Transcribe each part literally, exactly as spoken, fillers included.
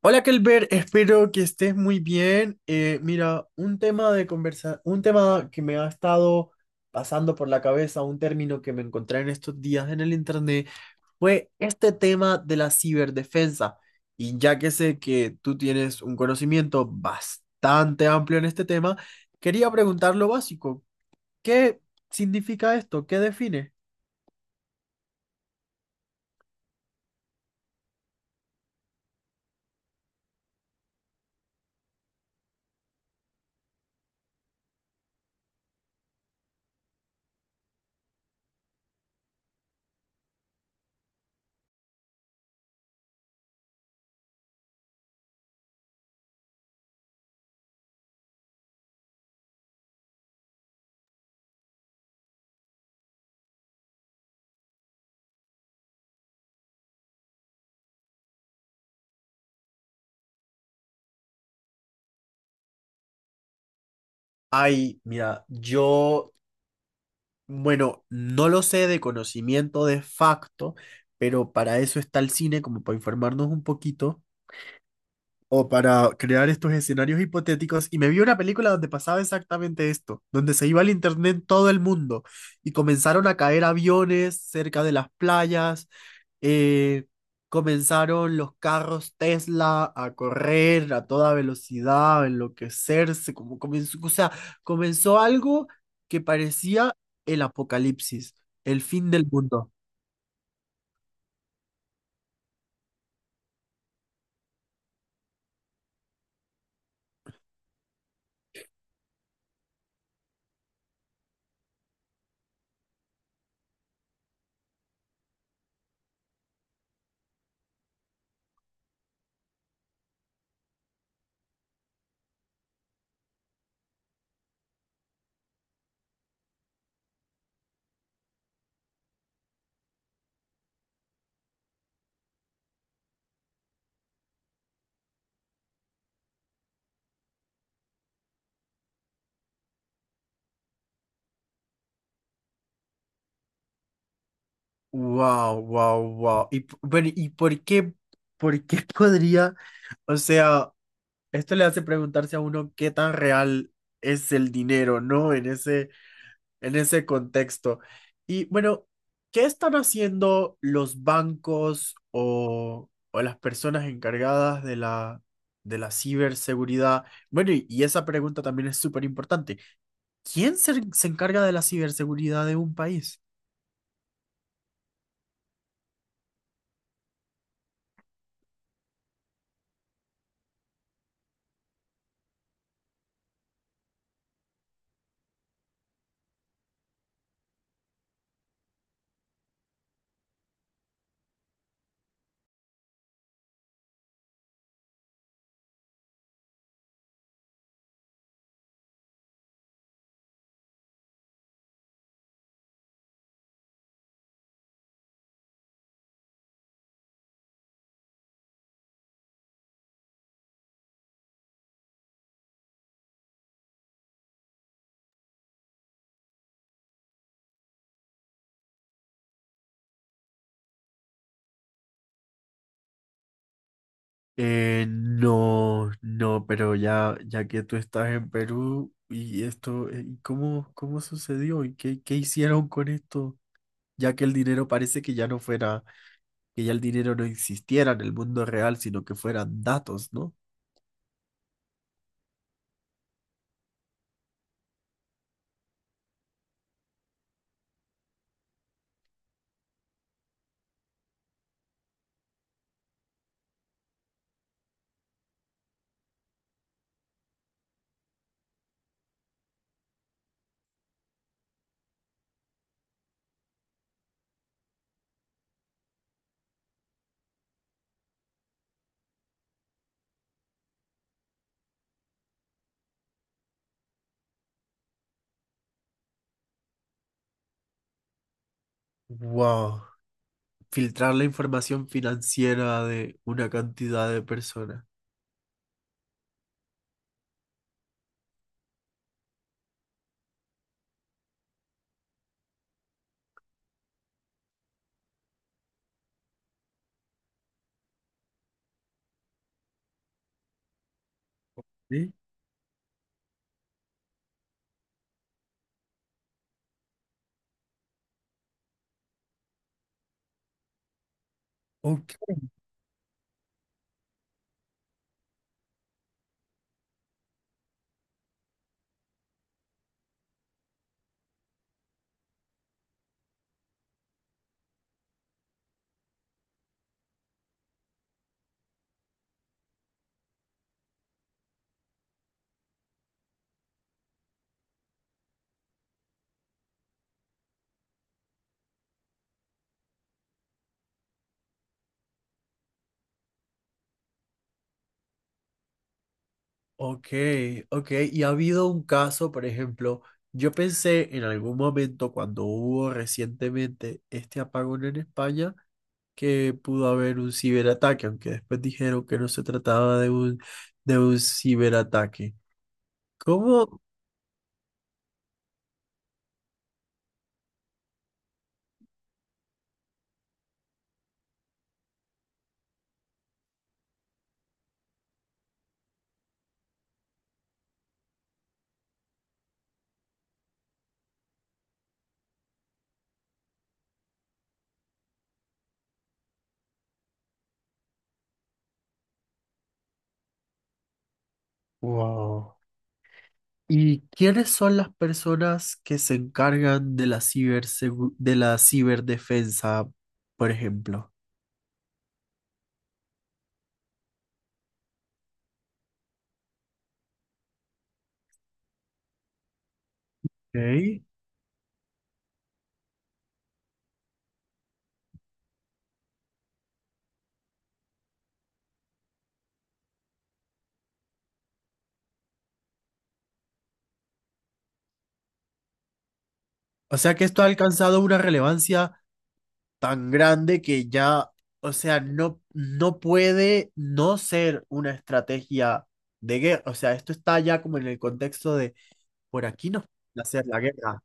Hola, Kelber, espero que estés muy bien. Eh, mira, un tema de conversa, un tema que me ha estado pasando por la cabeza, un término que me encontré en estos días en el internet, fue este tema de la ciberdefensa. Y ya que sé que tú tienes un conocimiento bastante amplio en este tema, quería preguntar lo básico. ¿Qué significa esto? ¿Qué define? Ay, mira, yo... Bueno, no lo sé de conocimiento de facto, pero para eso está el cine, como para informarnos un poquito o para crear estos escenarios hipotéticos. Y me vi una película donde pasaba exactamente esto, donde se iba al internet en todo el mundo y comenzaron a caer aviones cerca de las playas, eh, comenzaron los carros Tesla a correr a toda velocidad, a enloquecerse, como comenzó, o sea, comenzó algo que parecía el apocalipsis, el fin del mundo. Wow, wow, wow. Y p- bueno, ¿y por qué, por qué podría, o sea, esto le hace preguntarse a uno qué tan real es el dinero, ¿no? En ese en ese contexto. Y bueno, ¿qué están haciendo los bancos o, o las personas encargadas de la, de la ciberseguridad? Bueno, y, y esa pregunta también es súper importante. ¿Quién se, se encarga de la ciberseguridad de un país? Eh, no, no, pero ya, ya que tú estás en Perú y esto, eh, ¿y ¿cómo, cómo sucedió y qué, qué hicieron con esto? Ya que el dinero parece que ya no fuera... que ya el dinero no existiera en el mundo real, sino que fueran datos, ¿no? Wow, filtrar la información financiera de una cantidad de personas. ¿Sí? Ok, ok, ok. Y ha habido un caso, por ejemplo, yo pensé en algún momento cuando hubo recientemente este apagón en España que pudo haber un ciberataque, aunque después dijeron que no se trataba de un, de un ciberataque. ¿Cómo? Wow. ¿Y quiénes son las personas que se encargan de la cibersegu- de la ciberdefensa, por ejemplo? Ok. O sea que esto ha alcanzado una relevancia tan grande que ya, o sea, no, no puede no ser una estrategia de guerra. O sea, esto está ya como en el contexto de por aquí no pueden hacer la guerra.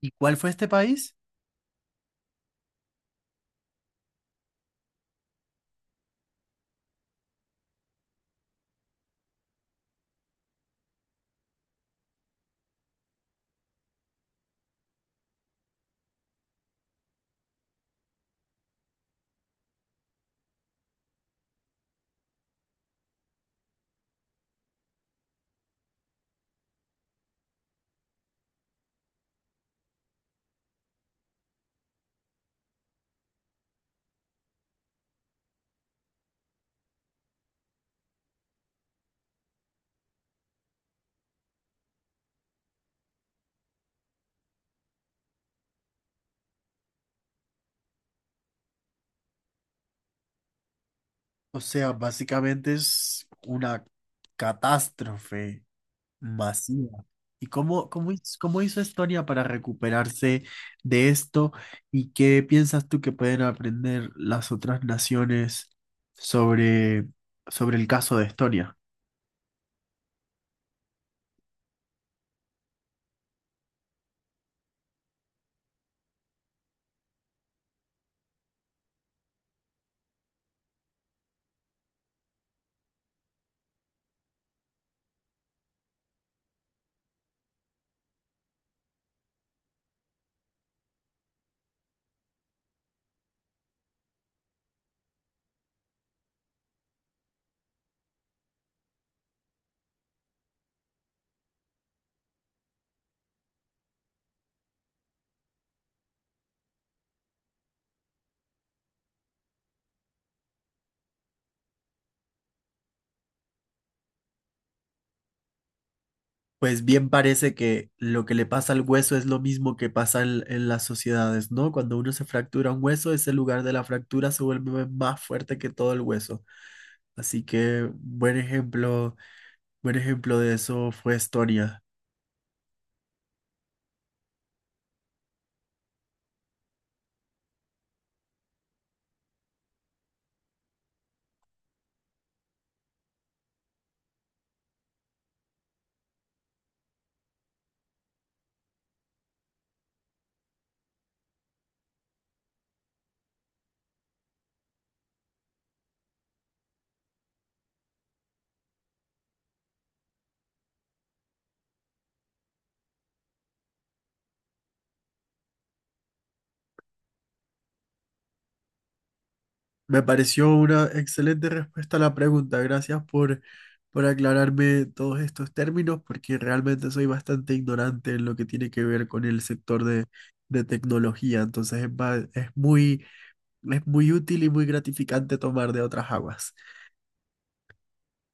¿Y cuál fue este país? O sea, básicamente es una catástrofe. Masiva. ¿Y cómo, cómo, hiz- cómo hizo Estonia para recuperarse de esto? ¿Y qué piensas tú que pueden aprender las otras naciones sobre, sobre el caso de Estonia? Pues bien parece que lo que le pasa al hueso es lo mismo que pasa en, en las sociedades, ¿no? Cuando uno se fractura un hueso, ese lugar de la fractura se vuelve más fuerte que todo el hueso. Así que buen ejemplo, buen ejemplo de eso fue Estonia. Me pareció una excelente respuesta a la pregunta. Gracias por, por aclararme todos estos términos, porque realmente soy bastante ignorante en lo que tiene que ver con el sector de, de tecnología. Entonces es, ba- es muy... Es muy útil y muy gratificante tomar de otras aguas.